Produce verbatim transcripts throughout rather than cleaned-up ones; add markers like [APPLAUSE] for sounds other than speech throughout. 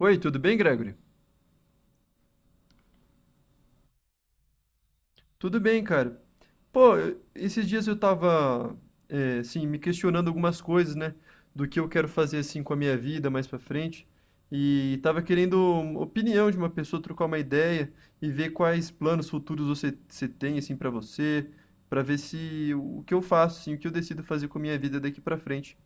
Oi, tudo bem, Gregory? Tudo bem, cara. Pô, esses dias eu tava, é, assim, me questionando algumas coisas, né? Do que eu quero fazer, assim, com a minha vida mais pra frente. E tava querendo uma opinião de uma pessoa, trocar uma ideia e ver quais planos futuros você, você tem, assim, pra você, pra ver se o que eu faço, assim, o que eu decido fazer com a minha vida daqui pra frente.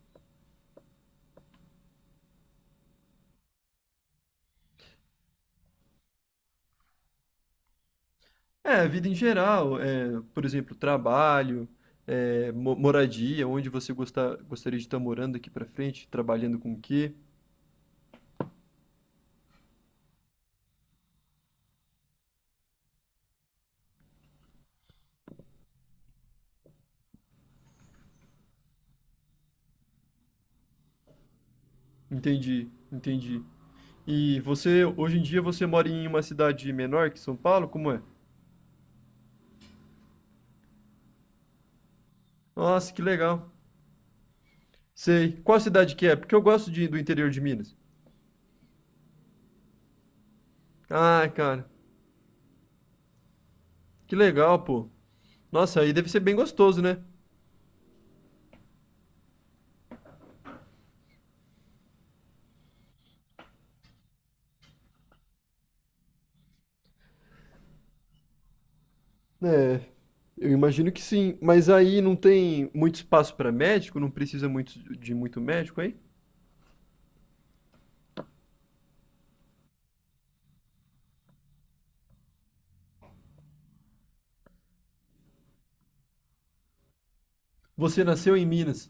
É, a vida em geral, é, por exemplo, trabalho, é, mo- moradia, onde você gostar, gostaria de estar morando aqui pra frente, trabalhando com o quê? Entendi, entendi. E você, hoje em dia, você mora em uma cidade menor que São Paulo? Como é? Nossa, que legal. Sei. Qual cidade que é? Porque eu gosto de, do interior de Minas. Ah, cara, que legal, pô. Nossa, aí deve ser bem gostoso, né? É, eu imagino que sim. Mas aí não tem muito espaço pra médico? Não precisa muito de muito médico aí? Você nasceu em Minas.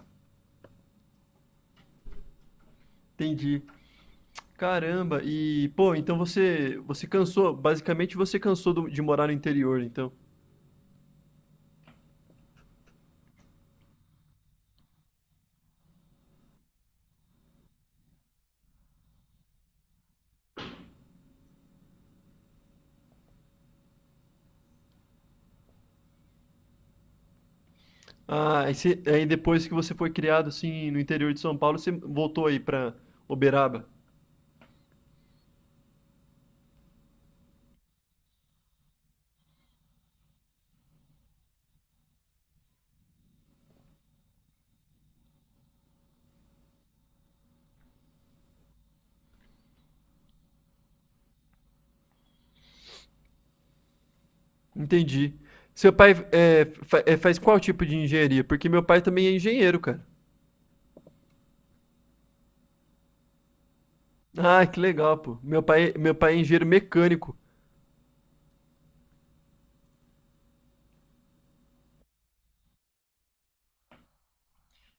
Entendi. Caramba, e pô, então você você cansou, basicamente você cansou do- de morar no interior, então. Ah, aí, você- aí depois que você foi criado assim no interior de São Paulo, você voltou aí pra Uberaba. Entendi. Seu pai é, fa- é, faz qual tipo de engenharia? Porque meu pai também é engenheiro, cara. Ah, que legal, pô. Meu pai, meu pai é engenheiro mecânico.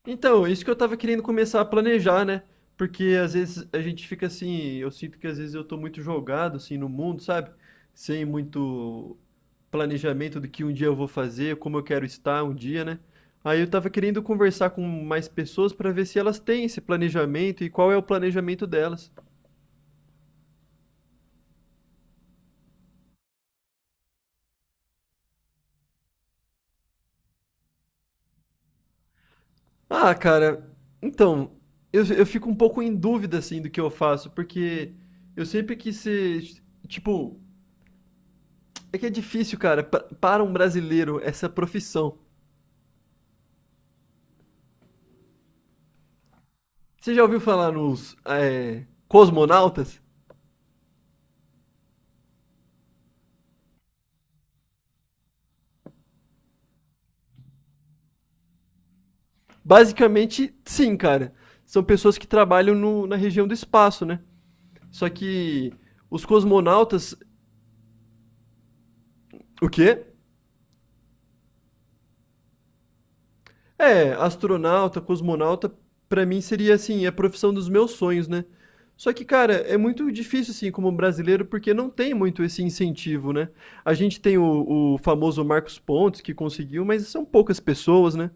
Então, é isso que eu tava querendo começar a planejar, né? Porque às vezes a gente fica assim, eu sinto que às vezes eu tô muito jogado assim no mundo, sabe? Sem muito planejamento do que um dia eu vou fazer, como eu quero estar um dia, né? Aí eu tava querendo conversar com mais pessoas pra ver se elas têm esse planejamento e qual é o planejamento delas. Ah, cara, então, eu, eu fico um pouco em dúvida assim do que eu faço, porque eu sempre quis ser, tipo, é que é difícil, cara, pa- para um brasileiro essa profissão. Você já ouviu falar nos é, cosmonautas? Basicamente, sim, cara. São pessoas que trabalham no- na região do espaço, né? Só que os cosmonautas. O quê? É, astronauta, cosmonauta, pra mim seria assim, a profissão dos meus sonhos, né? Só que, cara, é muito difícil, assim, como brasileiro, porque não tem muito esse incentivo, né? A gente tem o, o famoso Marcos Pontes, que conseguiu, mas são poucas pessoas, né?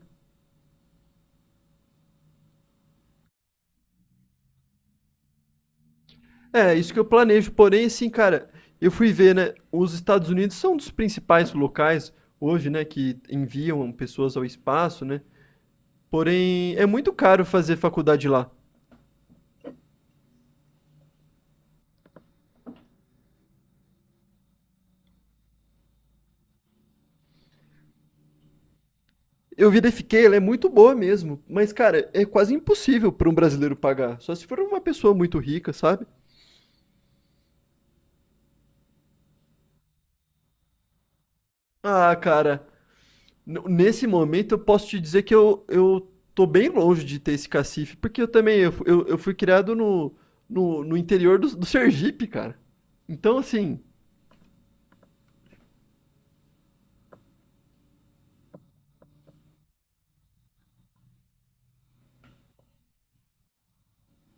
É, isso que eu planejo. Porém, assim, cara, eu fui ver, né? Os Estados Unidos são um dos principais locais hoje, né? Que enviam pessoas ao espaço, né? Porém, é muito caro fazer faculdade lá. Eu verifiquei, ela é muito boa mesmo. Mas, cara, é quase impossível para um brasileiro pagar. Só se for uma pessoa muito rica, sabe? Ah, cara, N- Nesse momento, eu posso te dizer que eu, eu tô bem longe de ter esse cacife, porque eu também eu, fu- eu, eu fui criado no, no, no interior do, do Sergipe, cara. Então, assim,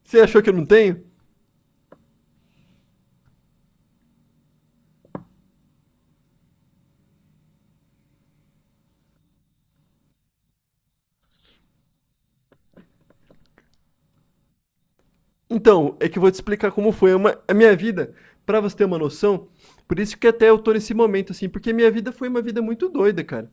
você achou que eu não tenho? Então, é que eu vou te explicar como foi uma a minha vida, pra você ter uma noção. Por isso que até eu tô nesse momento, assim, porque minha vida foi uma vida muito doida, cara.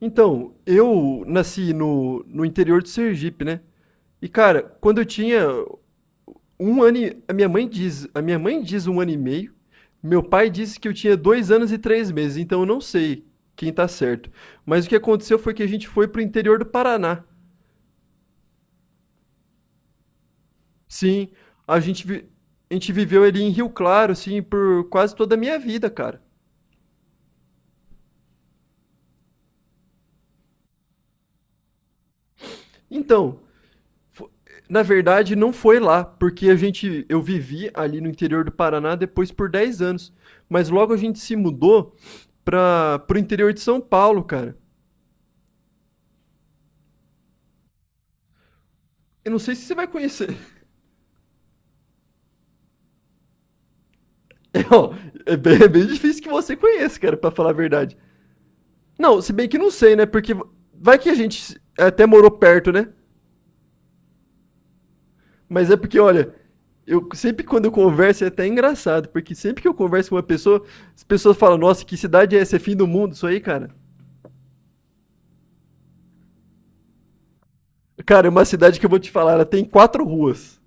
Então, eu nasci no, no interior do Sergipe, né? E, cara, quando eu tinha um ano e... A minha mãe diz, a minha mãe diz um ano e meio. Meu pai disse que eu tinha dois anos e três meses, então eu não sei quem tá certo. Mas o que aconteceu foi que a gente foi pro interior do Paraná. Sim, a gente, vi- a gente viveu ali em Rio Claro, assim, por quase toda a minha vida, cara. Então, fo- na verdade, não foi lá, porque a gente, eu vivi ali no interior do Paraná depois por dez anos. Mas logo a gente se mudou para pro interior de São Paulo, cara. Eu não sei se você vai conhecer. Ó, é bem, é bem difícil que você conheça, cara, pra falar a verdade. Não, se bem que não sei, né? Porque vai que a gente até morou perto, né? Mas é porque, olha, eu sempre quando eu converso é até engraçado, porque sempre que eu converso com uma pessoa, as pessoas falam, nossa, que cidade é essa? É fim do mundo isso aí, cara? Cara, é uma cidade que eu vou te falar, ela tem quatro ruas.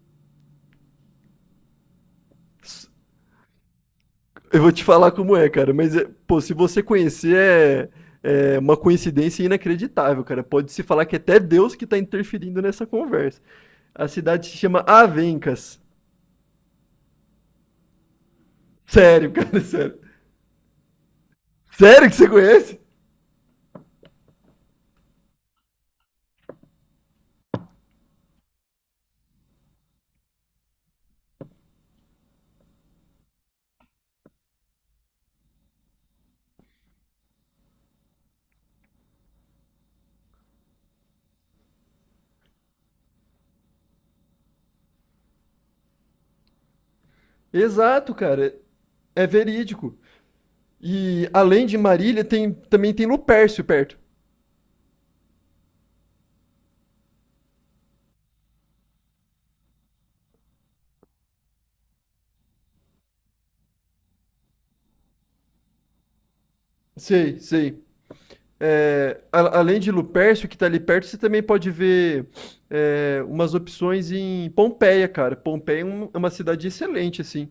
Eu vou te falar como é, cara, mas, é- pô, se você conhecer, é, é uma coincidência inacreditável, cara. Pode-se falar que é até Deus que tá interferindo nessa conversa. A cidade se chama Avencas. Sério, cara, [LAUGHS] sério. Sério que você conhece? Exato, cara. É verídico. E além de Marília, tem, também tem Lupércio perto. Sei, sei. É, a- além de Lupercio, que tá ali perto, você também pode ver é, umas opções em Pompeia, cara. Pompeia é um- é uma cidade excelente, assim.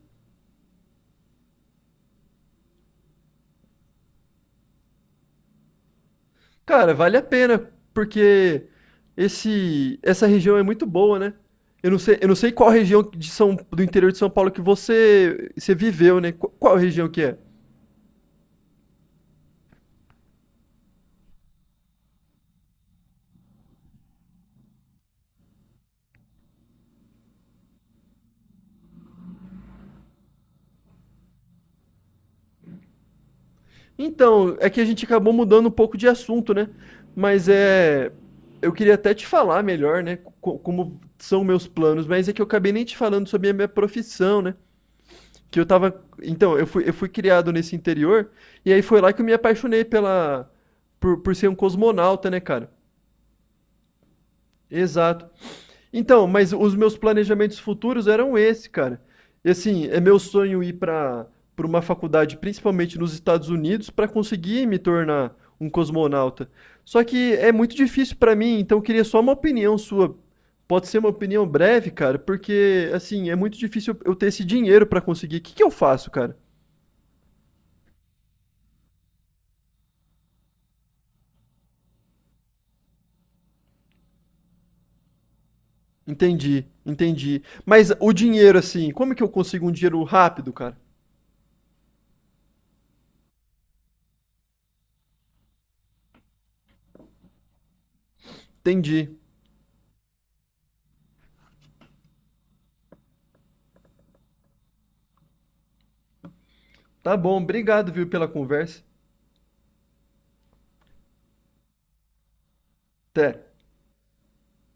Cara, vale a pena, porque esse, essa região é muito boa, né? Eu não sei, eu não sei qual região de São, do interior de São Paulo que você, você viveu, né? Qu- Qual, região que é? Então, é que a gente acabou mudando um pouco de assunto, né? Mas é. Eu queria até te falar melhor, né? co- Como são meus planos, mas é que eu acabei nem te falando sobre a minha profissão, né? Que eu tava. Então, eu fui, eu fui criado nesse interior, e aí foi lá que eu me apaixonei pela. Por, por ser um cosmonauta, né, cara? Exato. Então, mas os meus planejamentos futuros eram esse, cara. E assim, é meu sonho ir para para uma faculdade, principalmente nos Estados Unidos, para conseguir me tornar um cosmonauta. Só que é muito difícil para mim, então eu queria só uma opinião sua. Pode ser uma opinião breve, cara, porque assim, é muito difícil eu ter esse dinheiro para conseguir. O que que eu faço, cara? Entendi, entendi. Mas o dinheiro, assim, como que eu consigo um dinheiro rápido, cara? Entendi. Tá bom, obrigado, viu, pela conversa. Até.